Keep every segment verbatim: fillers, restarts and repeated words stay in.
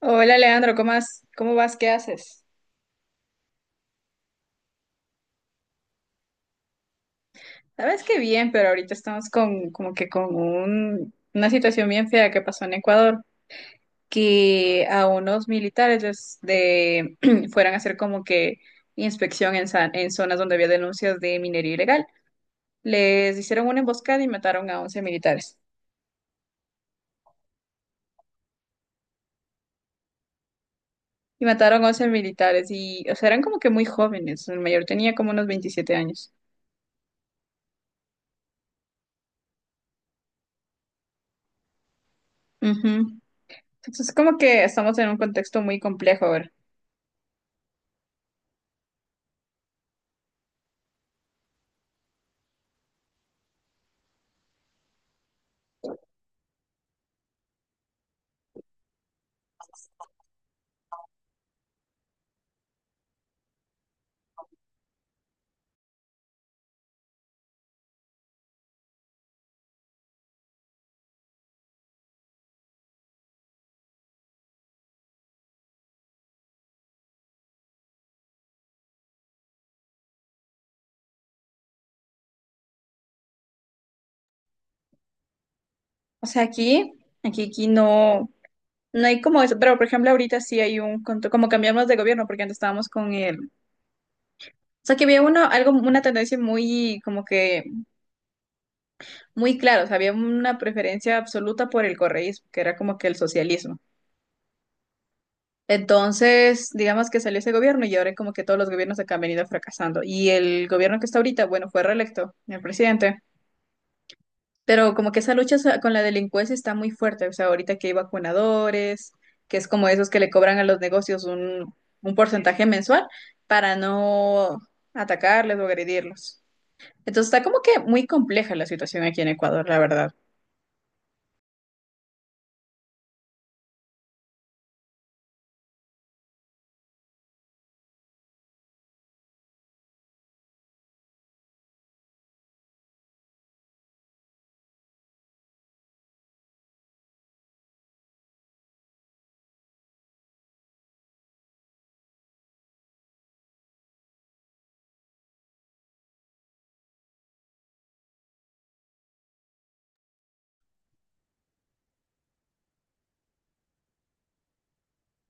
Hola Leandro, ¿cómo vas? ¿Cómo vas? ¿Qué haces? Sabes que bien, pero ahorita estamos con como que con un- una situación bien fea que pasó en Ecuador, que a unos militares les de, fueran a hacer como que inspección en, sa- en zonas donde había denuncias de minería ilegal. Les hicieron una emboscada y mataron a once militares. Y mataron a once militares y, o sea, eran como que muy jóvenes. El mayor tenía como unos veintisiete años. Ujú. Entonces, como que estamos en un contexto muy complejo ahora. O sea, aquí, aquí, aquí no, no hay como eso, pero por ejemplo ahorita sí hay un, contro- como cambiamos de gobierno, porque antes estábamos con el, o sea, que había uno, algo, una tendencia muy, como que, muy clara, o sea, había una preferencia absoluta por el correísmo, que era como que el socialismo. Entonces, digamos que salió ese gobierno y ahora como que todos los gobiernos acá han venido fracasando. Y el gobierno que está ahorita, bueno, fue reelecto, el presidente. Pero como que esa lucha sa- con la delincuencia está muy fuerte. O sea, ahorita que hay vacunadores, que es como esos que le cobran a los negocios un, un porcentaje mensual para no atacarles o agredirlos. Entonces está como que muy compleja la situación aquí en Ecuador, la verdad.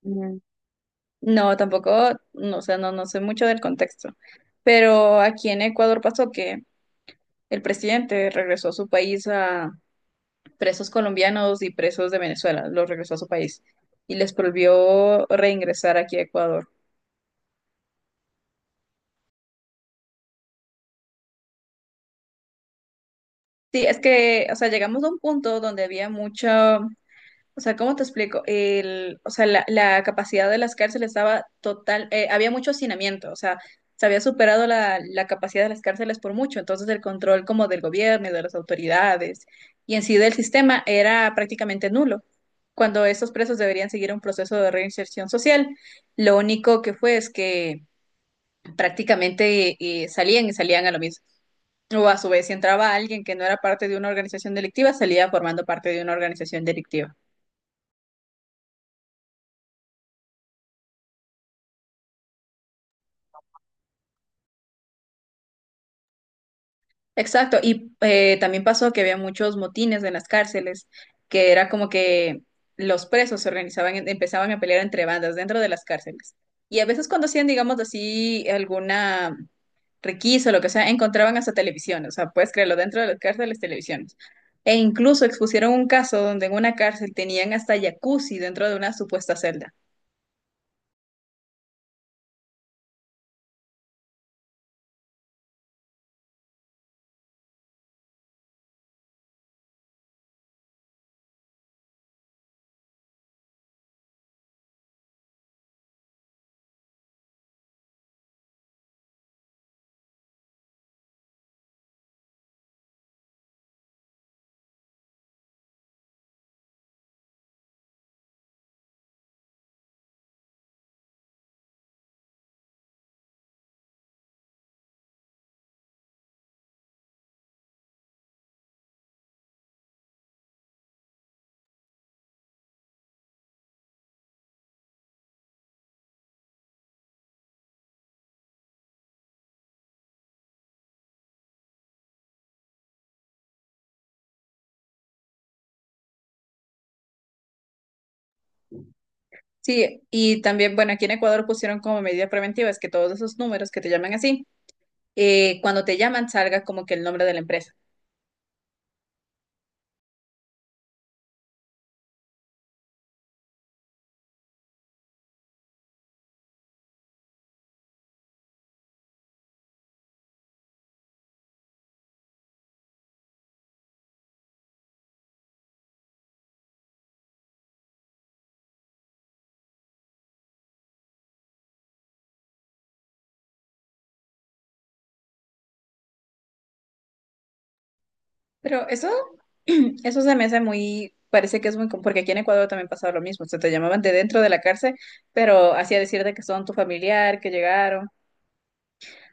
Mm. No, tampoco, no, o sea, no, no sé mucho del contexto. Pero aquí en Ecuador pasó que el presidente regresó a su país a presos colombianos y presos de Venezuela, los regresó a su país y les prohibió reingresar aquí a Ecuador. Sí, es que, o sea, llegamos a un punto donde había mucha, o sea, ¿cómo te explico? El, o sea, la, la capacidad de las cárceles estaba total, eh, había mucho hacinamiento, o sea, se había superado la, la capacidad de las cárceles por mucho, entonces el control como del gobierno y de las autoridades y en sí del sistema era prácticamente nulo, cuando estos presos deberían seguir un proceso de reinserción social. Lo único que fue es que prácticamente eh, salían y salían a lo mismo. O a su vez, si entraba alguien que no era parte de una organización delictiva, salía formando parte de una organización delictiva. Exacto, y eh, también pasó que había muchos motines en las cárceles, que era como que los presos se organizaban, en- empezaban a pelear entre bandas dentro de las cárceles. Y a veces cuando hacían, digamos así, alguna requisa o lo que sea, encontraban hasta televisión, o sea, puedes creerlo, dentro de las cárceles, televisiones. E incluso expusieron un caso donde en una cárcel tenían hasta jacuzzi dentro de una supuesta celda. Sí, y también, bueno, aquí en Ecuador pusieron como medida preventiva, es que todos esos números que te llaman así, eh, cuando te llaman salga como que el nombre de la empresa. Pero eso, eso se me hace muy, parece que es muy, com- porque aquí en Ecuador también pasaba lo mismo, o sea, te llamaban de dentro de la cárcel, pero hacía decirte que son tu familiar, que llegaron,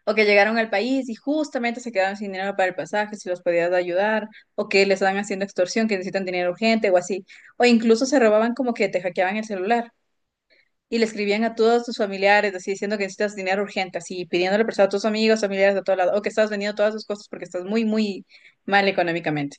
o que llegaron al país y justamente se quedaron sin dinero para el pasaje, si los podías ayudar, o que les están haciendo extorsión, que necesitan dinero urgente o así, o incluso se robaban como que te hackeaban el celular. Y le escribían a todos tus familiares, así diciendo que necesitas dinero urgente, así pidiéndole prestado a tus amigos, familiares de todo lado, o que estás vendiendo todas tus cosas porque estás muy, muy mal económicamente.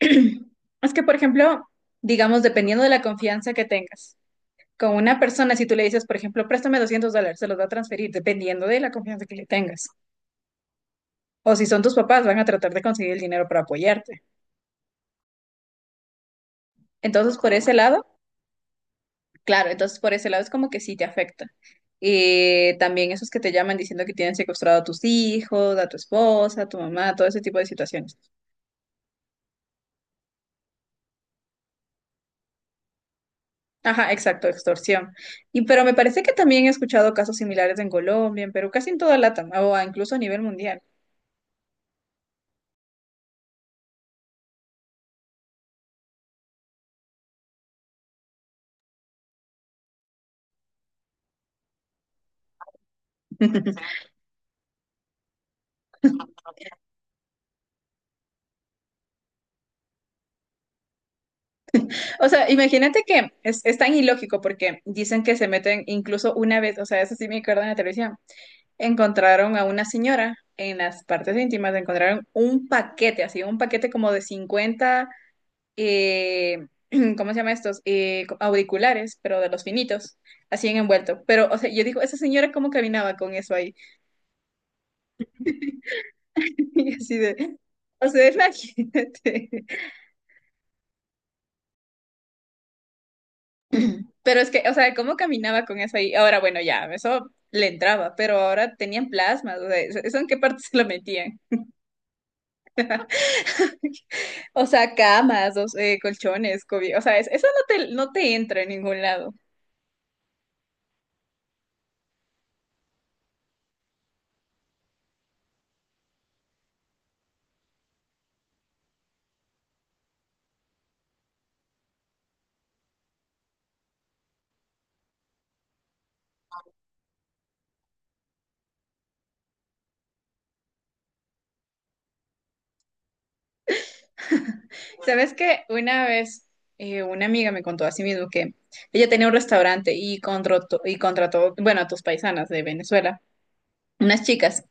Es que, por ejemplo, digamos, dependiendo de la confianza que tengas con una persona, si tú le dices, por ejemplo, préstame doscientos dólares, se los va a transferir, dependiendo de la confianza que le tengas. O si son tus papás, van a tratar de conseguir el dinero para apoyarte. Entonces, por ese lado, claro, entonces por ese lado es como que sí te afecta. Eh, también esos que te llaman diciendo que tienen secuestrado a tus hijos, a tu esposa, a tu mamá, todo ese tipo de situaciones. Ajá, exacto, extorsión. Y pero me parece que también he escuchado casos similares en Colombia, en Perú, casi en toda LATAM, o incluso a nivel mundial. O sea, imagínate que es, es tan ilógico porque dicen que se meten incluso una vez, o sea, eso sí me acuerdo en la televisión, encontraron a una señora en las partes íntimas, encontraron un paquete, así, un paquete como de cincuenta, eh, ¿cómo se llama estos? Eh, co- auriculares, pero de los finitos, así en envuelto. Pero, o sea, yo digo, esa señora cómo caminaba con eso ahí. Y así de, o sea, imagínate. Pero es que, o sea, cómo caminaba con eso ahí. Ahora, bueno, ya, eso le entraba, pero ahora tenían plasmas, o sea, ¿eso en qué parte se lo metían? O sea, camas, dos, eh, colchones, cobi- o sea, es- eso no te, no te entra en ningún lado. Sabes que una vez, eh, una amiga me contó a sí mismo que ella tenía un restaurante y contrató, y contrató, bueno, a tus paisanas de Venezuela, unas chicas.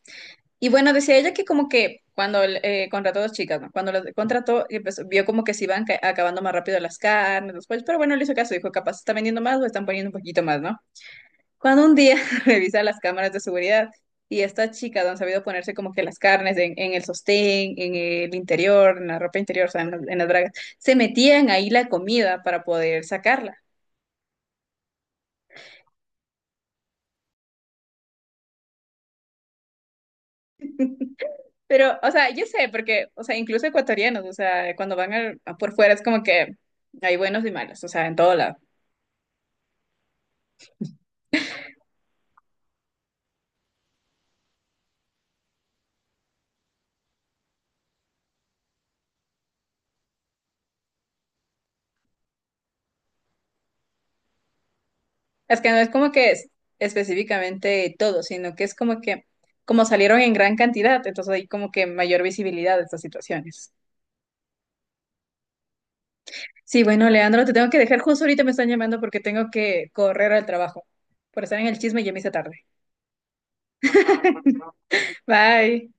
Y bueno, decía ella que como que cuando, eh, contrató dos chicas, ¿no? Cuando las contrató, eh, pues, vio como que se iban ca- acabando más rápido las carnes, los pollos, pero bueno, le hizo caso, dijo, capaz está vendiendo más o están poniendo un poquito más, ¿no? Cuando un día revisa las cámaras de seguridad y esta chica no han sabido ponerse como que las carnes en, en el sostén, en el interior, en la ropa interior, o sea, en, las en las bragas, se metían ahí la comida para poder sacarla. Pero, o sea, yo sé, porque, o sea, incluso ecuatorianos, o sea, cuando van al- a por fuera es como que hay buenos y malos, o sea, en todo lado. Es que no es como que es específicamente todo, sino que es como que, como salieron en gran cantidad, entonces hay como que mayor visibilidad de estas situaciones. Sí, bueno, Leandro, te tengo que dejar, justo ahorita me están llamando porque tengo que correr al trabajo. Por estar en el chisme ya me hice tarde. Bye.